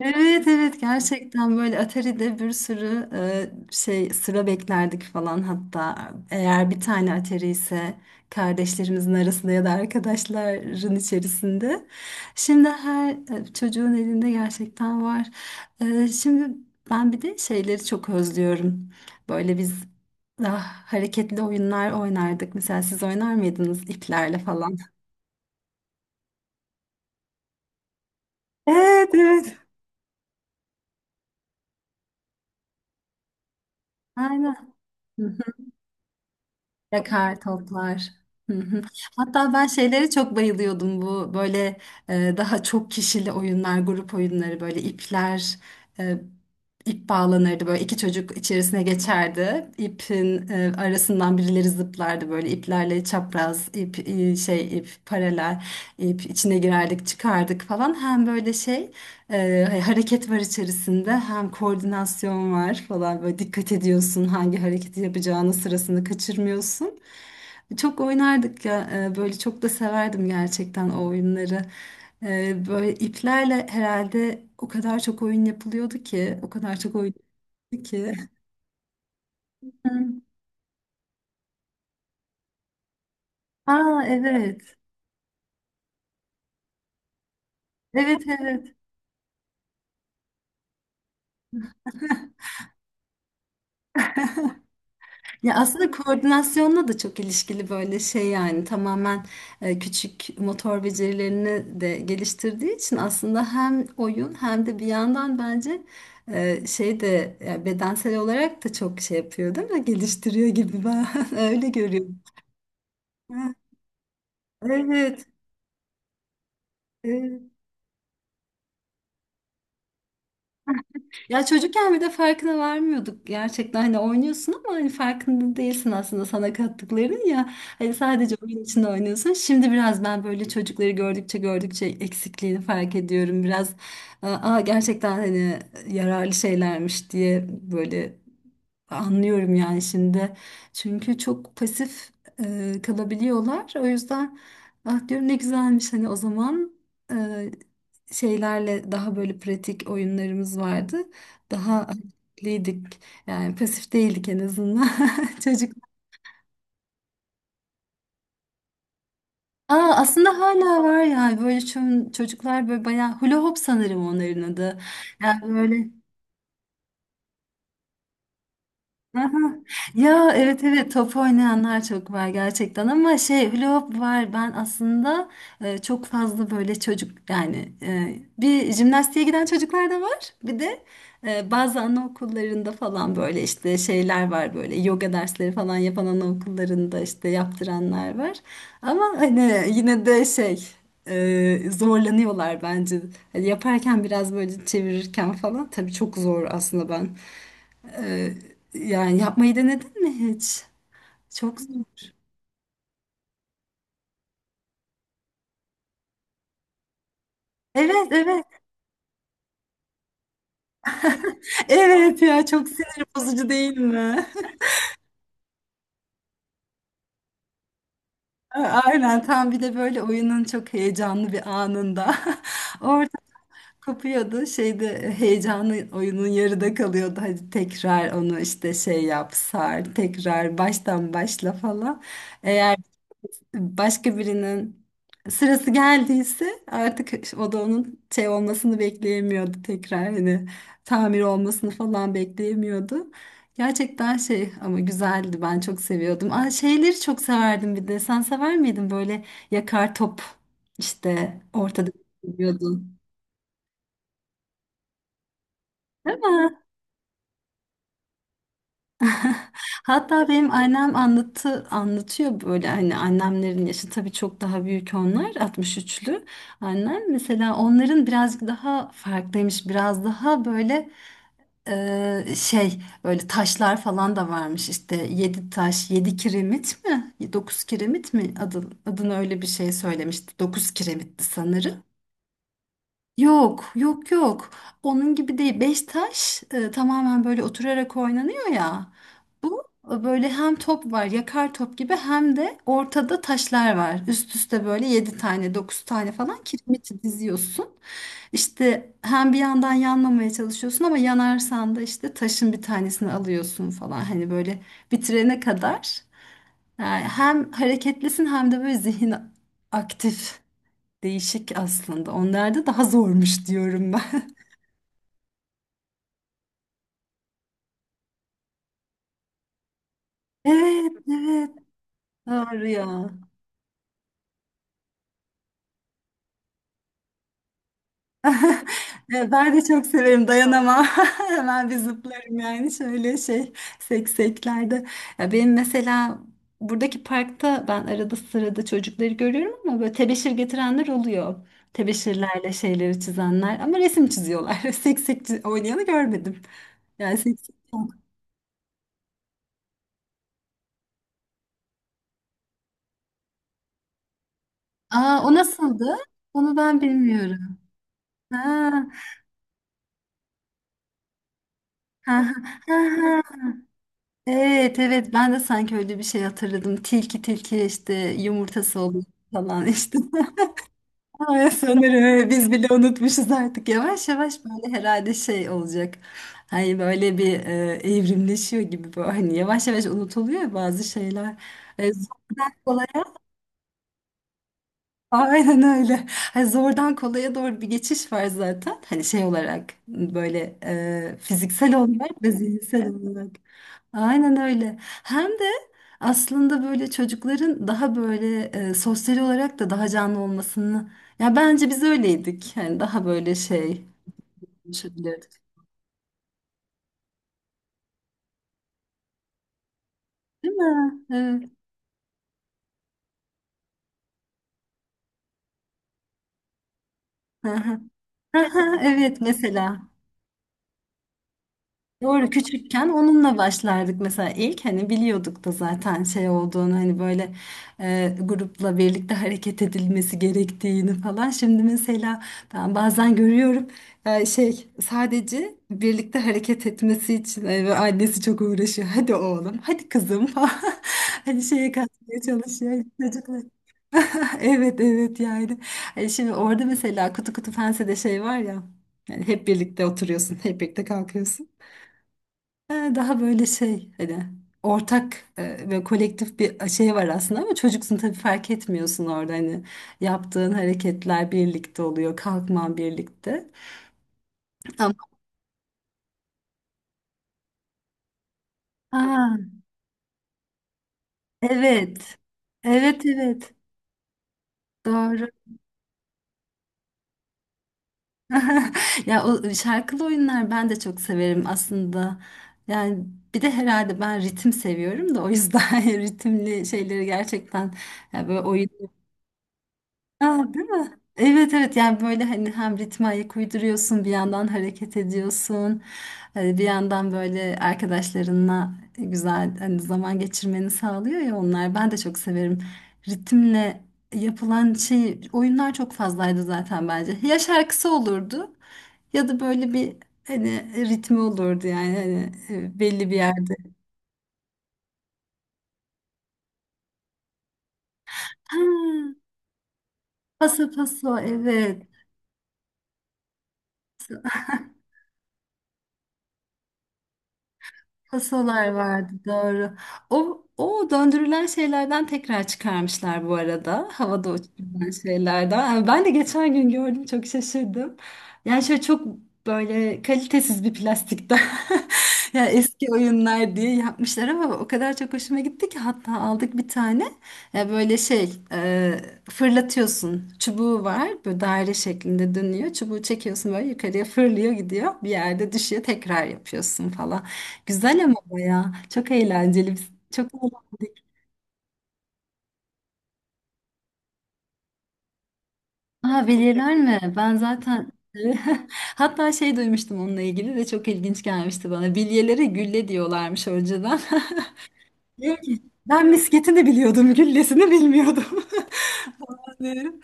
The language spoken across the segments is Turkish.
Evet, evet, gerçekten böyle Atari'de bir sürü şey, sıra beklerdik falan, hatta eğer bir tane Atari ise kardeşlerimizin arasında ya da arkadaşların içerisinde. Şimdi her çocuğun elinde gerçekten var. Şimdi ben bir de şeyleri çok özlüyorum. Böyle biz daha hareketli oyunlar oynardık. Mesela siz oynar mıydınız iplerle falan? Evet, evet. Aynen. Yakar toplar. Hı hı. Hatta ben şeylere çok bayılıyordum, bu böyle daha çok kişili oyunlar, grup oyunları, böyle ipler. İp bağlanırdı, böyle iki çocuk içerisine geçerdi. İpin arasından birileri zıplardı, böyle iplerle çapraz ip, şey, ip paralel, ip içine girerdik çıkardık falan. Hem böyle şey, hani hareket var içerisinde, hem koordinasyon var falan, böyle dikkat ediyorsun hangi hareketi yapacağını, sırasını kaçırmıyorsun. Çok oynardık ya, böyle çok da severdim gerçekten o oyunları. Böyle iplerle herhalde o kadar çok oyun yapılıyordu ki, o kadar çok oyun yapılıyordu ki. Hı. Aa, evet. Evet, evet. Ya aslında koordinasyonla da çok ilişkili böyle şey, yani tamamen küçük motor becerilerini de geliştirdiği için, aslında hem oyun hem de bir yandan bence şey de, ya bedensel olarak da çok şey yapıyor değil mi? Geliştiriyor gibi, ben öyle görüyorum. Ha, evet. Evet. Ya çocukken bir de farkına varmıyorduk gerçekten, hani oynuyorsun ama hani farkında değilsin aslında sana kattıkların, ya hani sadece oyun için oynuyorsun. Şimdi biraz ben böyle çocukları gördükçe gördükçe eksikliğini fark ediyorum biraz, aa gerçekten hani yararlı şeylermiş diye, böyle anlıyorum yani şimdi. Çünkü çok pasif kalabiliyorlar. O yüzden ah diyorum ne güzelmiş hani o zaman e, şeylerle daha böyle pratik oyunlarımız vardı. Daha aktifliydik. Yani pasif değildik en azından. Çocuk. Aa, aslında hala var yani, böyle çocuklar böyle bayağı hula hoop sanırım onların adı. Yani böyle. Aha. Ya evet, evet, top oynayanlar çok var gerçekten, ama şey, hula hoop var ben aslında çok fazla böyle çocuk, yani bir jimnastiğe giden çocuklar da var, bir de bazı anaokullarında falan böyle işte şeyler var, böyle yoga dersleri falan yapan anaokullarında işte yaptıranlar var, ama hani yine de şey, zorlanıyorlar bence. Hani yaparken biraz böyle çevirirken falan, tabii çok zor aslında ben. Ee, yani yapmayı denedin mi hiç? Çok zor. Evet, evet. Evet, ya çok sinir bozucu değil mi? Aynen, tam bir de böyle oyunun çok heyecanlı bir anında. Orada kopuyordu şeyde, heyecanlı oyunun yarıda kalıyordu. Hadi tekrar onu işte şey yap, sar, tekrar baştan başla falan. Eğer başka birinin sırası geldiyse artık, o da onun şey olmasını bekleyemiyordu tekrar, hani tamir olmasını falan bekleyemiyordu. Gerçekten şey, ama güzeldi, ben çok seviyordum. Aa, şeyleri çok severdim, bir de sen sever miydin böyle yakar top, işte ortada yiyordun değil. Hatta benim annem anlatıyor böyle, hani annemlerin yaşı tabii çok daha büyük, onlar 63'lü. Annem mesela, onların birazcık daha farklıymış, biraz daha böyle şey, böyle taşlar falan da varmış, işte 7 taş, 7 kiremit mi, 9 kiremit mi adını öyle bir şey söylemişti, 9 kiremitti sanırım. Yok, yok, yok. Onun gibi değil. Beş taş tamamen böyle oturarak oynanıyor ya. Bu böyle hem top var, yakar top gibi, hem de ortada taşlar var. Üst üste böyle yedi tane, dokuz tane falan kiremiti diziyorsun. İşte hem bir yandan yanmamaya çalışıyorsun, ama yanarsan da işte taşın bir tanesini alıyorsun falan. Hani böyle bitirene kadar. Yani hem hareketlisin hem de böyle zihin aktif. Değişik aslında. Onlarda daha zormuş diyorum ben. Evet, evet. Doğru ya. Evet, ben de çok severim, dayanamam. Hemen bir zıplarım yani, şöyle şey, sekseklerde. Ya benim mesela buradaki parkta, ben arada sırada çocukları görüyorum ama böyle tebeşir getirenler oluyor. Tebeşirlerle şeyleri çizenler, ama resim çiziyorlar. Seksek oynayanı görmedim. Yani seksek yok. Aa, o nasıldı? Onu ben bilmiyorum. Ha. Ha, ha, ha, ha. Evet, evet, ben de sanki öyle bir şey hatırladım. Tilki tilki işte yumurtası oluyor falan işte. Ay, sanırım evet, biz bile unutmuşuz artık. Yavaş yavaş böyle herhalde şey olacak. Hani böyle bir evrimleşiyor gibi böyle. Hani yavaş yavaş unutuluyor ya bazı şeyler. Zor kolay. Aynen öyle. Hani zordan kolaya doğru bir geçiş var zaten. Hani şey olarak böyle, fiziksel olarak ve zihinsel olarak. Aynen öyle. Hem de aslında böyle çocukların daha böyle, sosyal olarak da daha canlı olmasını. Ya bence biz öyleydik. Yani daha böyle şey, konuşabilirdik. Değil mi? Evet. Hı hı. Hı hı. Evet, mesela. Doğru, küçükken onunla başlardık mesela ilk, hani biliyorduk da zaten şey olduğunu, hani böyle grupla birlikte hareket edilmesi gerektiğini falan. Şimdi mesela ben bazen görüyorum şey sadece birlikte hareket etmesi için, ve annesi çok uğraşıyor. Hadi oğlum, hadi kızım falan, hani şeye katmaya çalışıyor. Hani çocuklar. Evet, evet yani. Hani şimdi orada mesela kutu kutu fensede şey var ya, yani hep birlikte oturuyorsun, hep birlikte kalkıyorsun. Ha, daha böyle şey, hani ortak ve kolektif bir şey var aslında, ama çocuksun tabii, fark etmiyorsun orada, hani yaptığın hareketler birlikte oluyor, kalkman birlikte, ama. Aa, evet, evet, evet, doğru. Ya o şarkılı oyunlar ben de çok severim aslında, yani bir de herhalde ben ritim seviyorum da o yüzden ritimli şeyleri gerçekten, ya böyle oyun. Ah, değil mi? Evet, evet, yani böyle, hani hem ritme ayak uyduruyorsun, bir yandan hareket ediyorsun. Hani bir yandan böyle arkadaşlarınla güzel hani zaman geçirmeni sağlıyor ya onlar, ben de çok severim. Ritimle yapılan şey, oyunlar çok fazlaydı zaten bence, ya şarkısı olurdu ya da böyle bir, hani ritmi olurdu, yani hani belli bir yerde. Ha, paso paso, evet. Kasalar vardı, doğru. O döndürülen şeylerden tekrar çıkarmışlar bu arada. Havada uçurulan şeylerden. Yani ben de geçen gün gördüm, çok şaşırdım. Yani şöyle çok böyle kalitesiz bir plastikten. Yani eski oyunlar diye yapmışlar, ama o kadar çok hoşuma gitti ki hatta aldık bir tane. Ya böyle şey, fırlatıyorsun. Çubuğu var, böyle daire şeklinde dönüyor. Çubuğu çekiyorsun, böyle yukarıya fırlıyor gidiyor. Bir yerde düşüyor, tekrar yapıyorsun falan. Güzel, ama baya. Çok eğlenceli. Biz çok eğlendik. Aa, belirler mi? Ben zaten hatta şey duymuştum onunla ilgili de, çok ilginç gelmişti bana. Bilyelere gülle diyorlarmış önceden. Diyor ki, ben misketini biliyordum, güllesini bilmiyordum. Falan diyorum.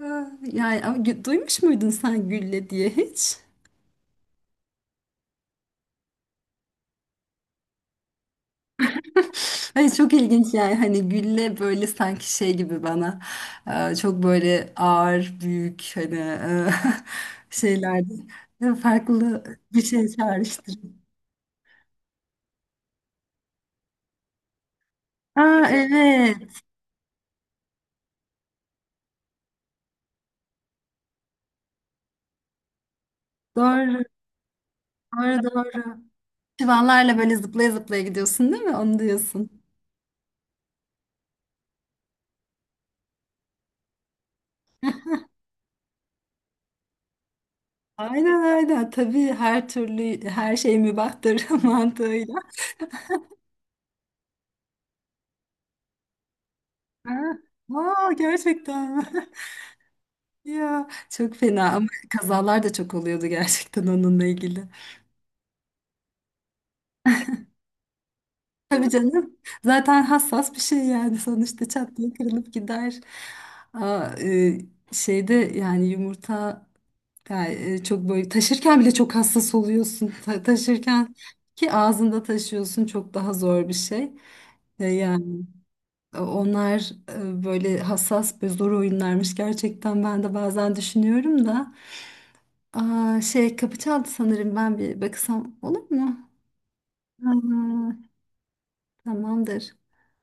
Aa, yani ama duymuş muydun sen gülle diye hiç? Hani çok ilginç yani, hani gülle böyle sanki şey gibi bana, çok böyle ağır, büyük, hani şeylerde farklı bir şey çağrıştırıyor. Aa, evet, doğru, doğru, doğru. Çivanlarla böyle zıplaya zıplaya gidiyorsun değil mi? Onu diyorsun. Aynen, aynen, tabii her türlü, her şey mübahtır mantığıyla. Ha. Aa, gerçekten mi? Ya çok fena, ama kazalar da çok oluyordu gerçekten onunla ilgili. Tabii canım. Zaten hassas bir şey yani, sonuçta çat diye kırılıp gider. Aa, şeyde yani yumurta, yani çok böyle taşırken bile çok hassas oluyorsun. Taşırken ki ağzında taşıyorsun, çok daha zor bir şey. Yani onlar böyle hassas ve zor oyunlarmış gerçekten, ben de bazen düşünüyorum da. Aa, şey, kapı çaldı sanırım, ben bir bakısam olur mu? Aa, tamamdır.